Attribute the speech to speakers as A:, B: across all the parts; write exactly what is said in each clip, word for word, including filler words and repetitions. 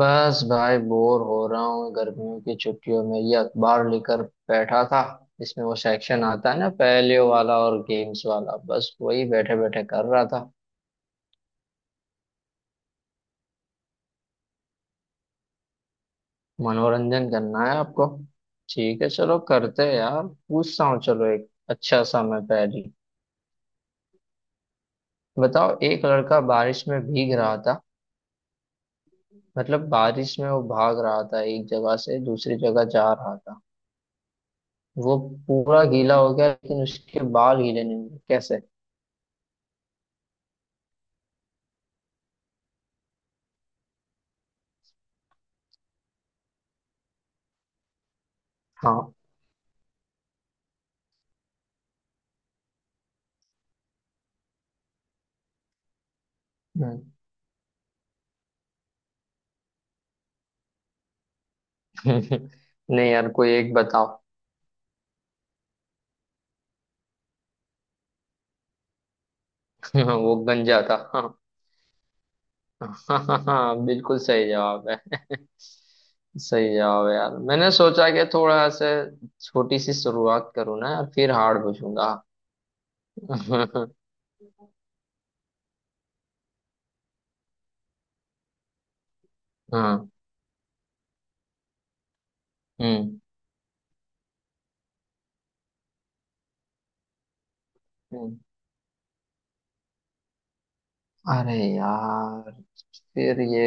A: बस भाई बोर हो रहा हूँ, गर्मियों की छुट्टियों में ये अखबार लेकर बैठा था। इसमें वो सेक्शन आता है ना, पहेलियों वाला और गेम्स वाला, बस वही बैठे बैठे कर रहा था। मनोरंजन करना है आपको? ठीक है, चलो करते हैं यार, पूछता हूँ। चलो एक अच्छा सा मैं पहेली बताओ। एक लड़का बारिश में भीग रहा था। मतलब बारिश में वो भाग रहा था, एक जगह से दूसरी जगह जा रहा था। वो पूरा गीला हो गया लेकिन उसके बाल गीले नहीं हुए। कैसे? हाँ। हम्म। नहीं यार, कोई एक बताओ। वो गंजा था। हाँ, बिल्कुल सही जवाब है। सही जवाब है यार, मैंने सोचा कि थोड़ा से छोटी सी शुरुआत करूँ ना यार, फिर हार्ड पूछूंगा। हाँ। हम्म हम्म। अरे यार, फिर ये।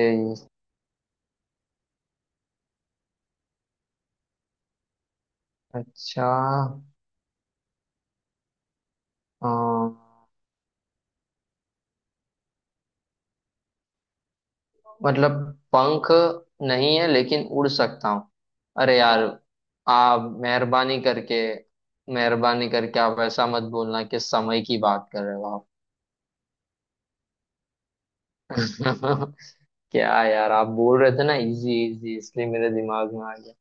A: अच्छा। अ, मतलब पंख नहीं है लेकिन उड़ सकता हूँ। अरे यार, आप मेहरबानी करके, मेहरबानी करके आप ऐसा मत बोलना कि समय की बात कर रहे हो आप। क्या यार, आप बोल रहे थे ना इजी इजी, इसलिए मेरे दिमाग में आ गया।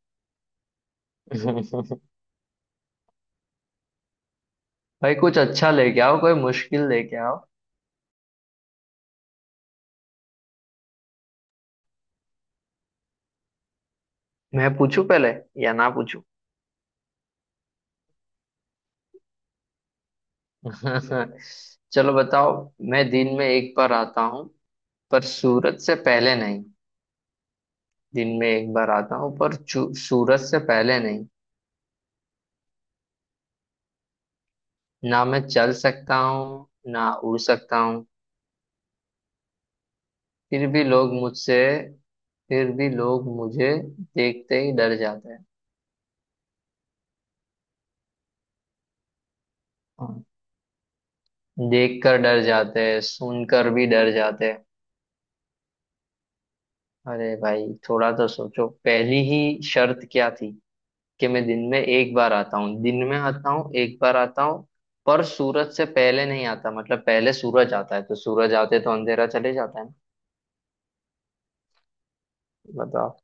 A: भाई कुछ अच्छा लेके आओ, कोई मुश्किल लेके आओ। मैं पूछूं पहले या ना पूछूं? चलो बताओ। मैं दिन में एक बार आता हूँ, पर सूरज से पहले नहीं। दिन में एक बार आता हूँ, पर चू- सूरज से पहले नहीं। ना मैं चल सकता हूँ, ना उड़ सकता हूँ। फिर भी लोग मुझसे फिर भी लोग मुझे देखते ही डर जाते हैं। हाँ, देखकर डर जाते हैं, सुनकर भी डर जाते हैं। अरे भाई, थोड़ा तो सोचो। पहली ही शर्त क्या थी कि मैं दिन में एक बार आता हूँ, दिन में आता हूँ, एक बार आता हूँ, पर सूरज से पहले नहीं आता। मतलब पहले सूरज आता है, तो सूरज आते तो अंधेरा चले जाता है ना। बताओ।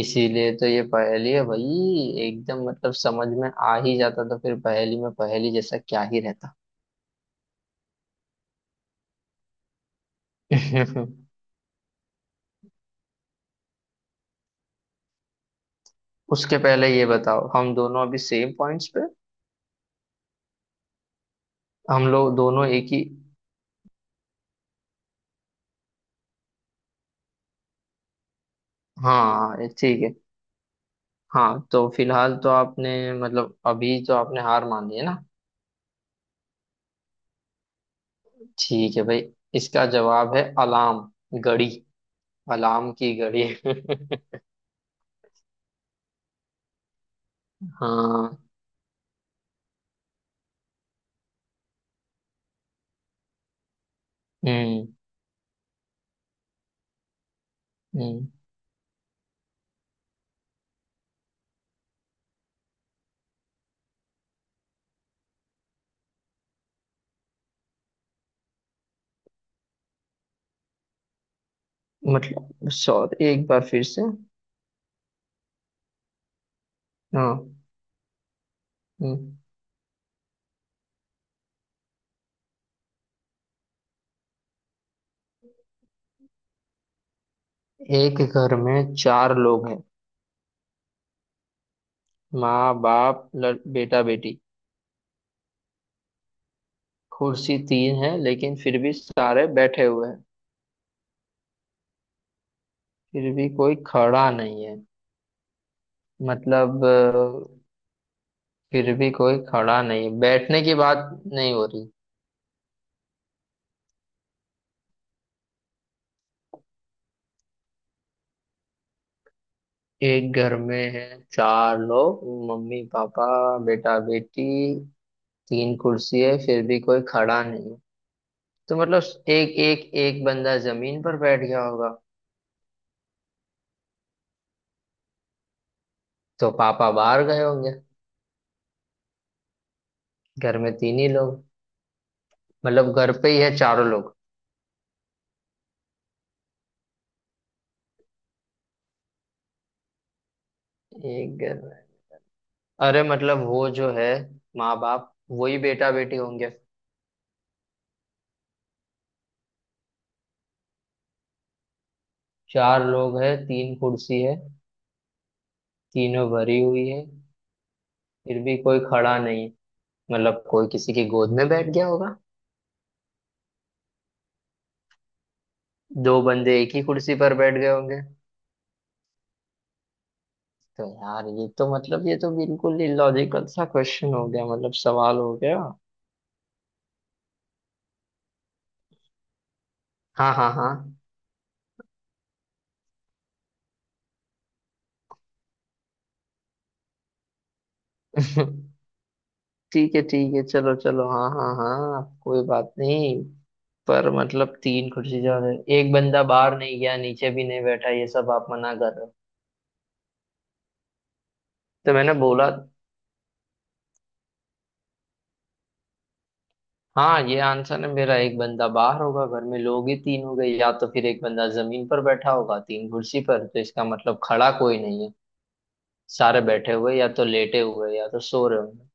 A: इसीलिए तो ये पहेली है भाई। एकदम मतलब समझ में आ ही जाता तो फिर पहेली में पहेली जैसा क्या ही रहता। उसके पहले ये बताओ, हम दोनों अभी सेम पॉइंट्स पे, हम लोग दोनों एक ही। हाँ ये ठीक है। हाँ, तो फिलहाल तो आपने, मतलब अभी तो आपने हार मान ली है ना? ठीक है भाई, इसका जवाब है अलार्म घड़ी। अलार्म की घड़ी। हाँ। हम्म हम्म। मतलब सॉरी, एक बार फिर से। हाँ। हम्म। एक घर में चार लोग हैं। माँ, बाप, लड़, बेटा, बेटी। कुर्सी तीन है लेकिन फिर भी सारे बैठे हुए हैं। फिर भी कोई खड़ा नहीं है। मतलब अ, फिर भी कोई खड़ा नहीं है, बैठने की बात नहीं हो रही। एक घर में है चार लोग, मम्मी पापा, बेटा बेटी। तीन कुर्सी है, फिर भी कोई खड़ा नहीं है। तो मतलब एक एक एक बंदा जमीन पर बैठ गया होगा। तो पापा बाहर गए होंगे। घर में तीन ही लोग, मतलब घर पे ही है चारों लोग। एक घर में, अरे मतलब वो जो है, माँ बाप वही बेटा बेटी होंगे। चार लोग हैं, तीन कुर्सी है, तीनों भरी हुई है, फिर भी कोई खड़ा नहीं। मतलब कोई किसी की गोद में बैठ गया होगा। दो बंदे एक ही कुर्सी पर बैठ गए होंगे। तो यार, ये तो मतलब, ये तो बिल्कुल ही लॉजिकल सा क्वेश्चन हो गया, मतलब सवाल हो गया। हाँ हाँ हाँ। ठीक है, ठीक है, चलो चलो, हाँ हाँ हाँ, कोई बात नहीं। पर मतलब तीन कुर्सी ज्यादा है। एक बंदा बाहर नहीं गया, नीचे भी नहीं बैठा, ये सब आप मना कर रहे हो। तो मैंने बोला, हाँ, ये आंसर है मेरा। एक बंदा बाहर होगा, घर में लोग ही तीन हो गए, या तो फिर एक बंदा जमीन पर बैठा होगा, तीन कुर्सी पर, तो इसका मतलब खड़ा कोई नहीं है। सारे बैठे हुए, या तो लेटे हुए, या तो सो रहे होंगे।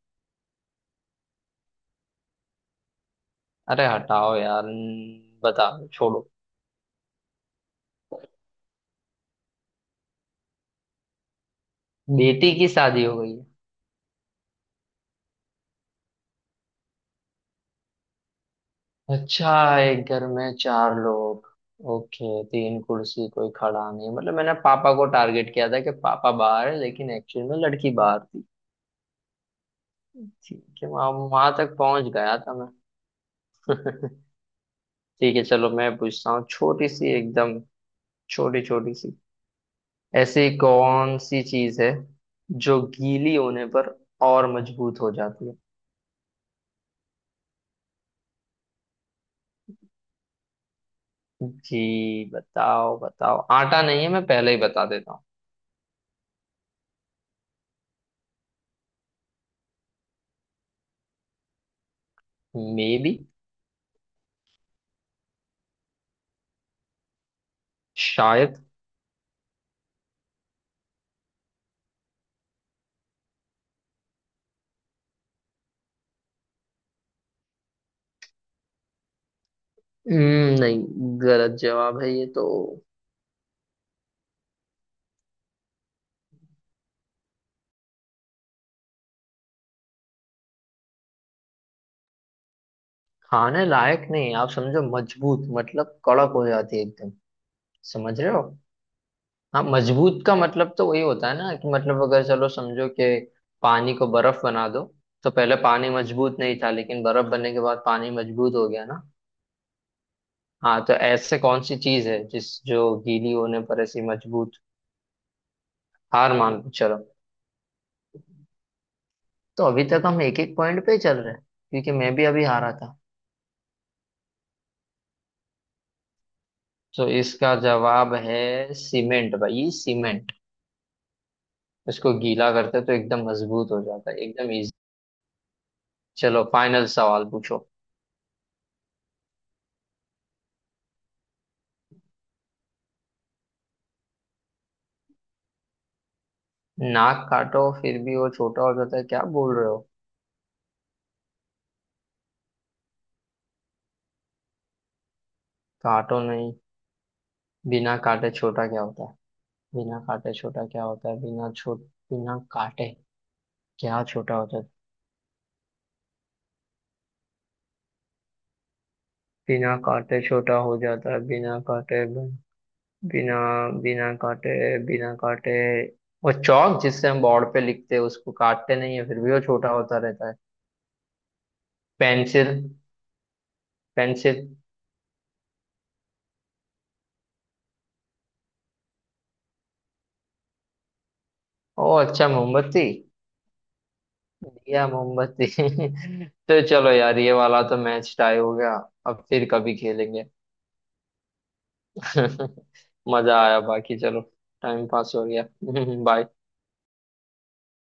A: अरे हटाओ यार, न- बताओ, छोड़ो। बेटी की शादी हो गई? अच्छा। एक घर में चार लोग, ओके, तीन कुर्सी, कोई खड़ा नहीं। मतलब मैंने पापा को टारगेट किया था कि पापा बाहर है, लेकिन एक्चुअली में लड़की बाहर थी। ठीक है, वहां, वहां तक पहुंच गया था मैं। ठीक है, चलो, मैं पूछता हूँ छोटी सी एकदम। छोटी छोटी सी। ऐसी कौन सी चीज है जो गीली होने पर और मजबूत हो जाती है? जी बताओ बताओ, आटा नहीं है, मैं पहले ही बता देता। हूँ, मे बी। शायद। हम्म, नहीं, गलत जवाब है ये तो। खाने लायक नहीं है, आप समझो मजबूत मतलब कड़क हो जाती है एकदम। समझ रहे हो? हाँ, मजबूत का मतलब तो वही होता है ना कि, मतलब अगर चलो समझो कि पानी को बर्फ बना दो, तो पहले पानी मजबूत नहीं था, लेकिन बर्फ बनने के बाद पानी मजबूत हो गया ना। हाँ, तो ऐसे कौन सी चीज है जिस जो गीली होने पर ऐसी मजबूत? हार मान लो, चलो। तो अभी तक हम एक एक पॉइंट पे ही चल रहे हैं, क्योंकि मैं भी अभी हारा था। तो इसका जवाब है सीमेंट भाई, सीमेंट। इसको गीला करते तो एकदम मजबूत हो जाता है, एकदम इजी। चलो फाइनल सवाल पूछो। नाक काटो फिर भी वो छोटा हो जाता है? क्या बोल रहे हो? काटो नहीं, बिना काटे छोटा क्या होता है? बिना काटे छोटा क्या होता है? बिना छोट बिना काटे क्या छोटा होता है? बिना काटे छोटा हो जाता है। बिना काटे, बिना बिना काटे, बिना काटे। वो चौक जिससे हम बोर्ड पे लिखते हैं, उसको काटते नहीं है, फिर भी वो छोटा होता रहता है। पेंसिल। पेंसिल। ओ अच्छा, मोमबत्ती। दिया, मोमबत्ती। तो चलो यार, ये वाला तो मैच टाई हो गया। अब फिर कभी खेलेंगे। मजा आया, बाकी चलो। टाइम पास हो गया। बाय।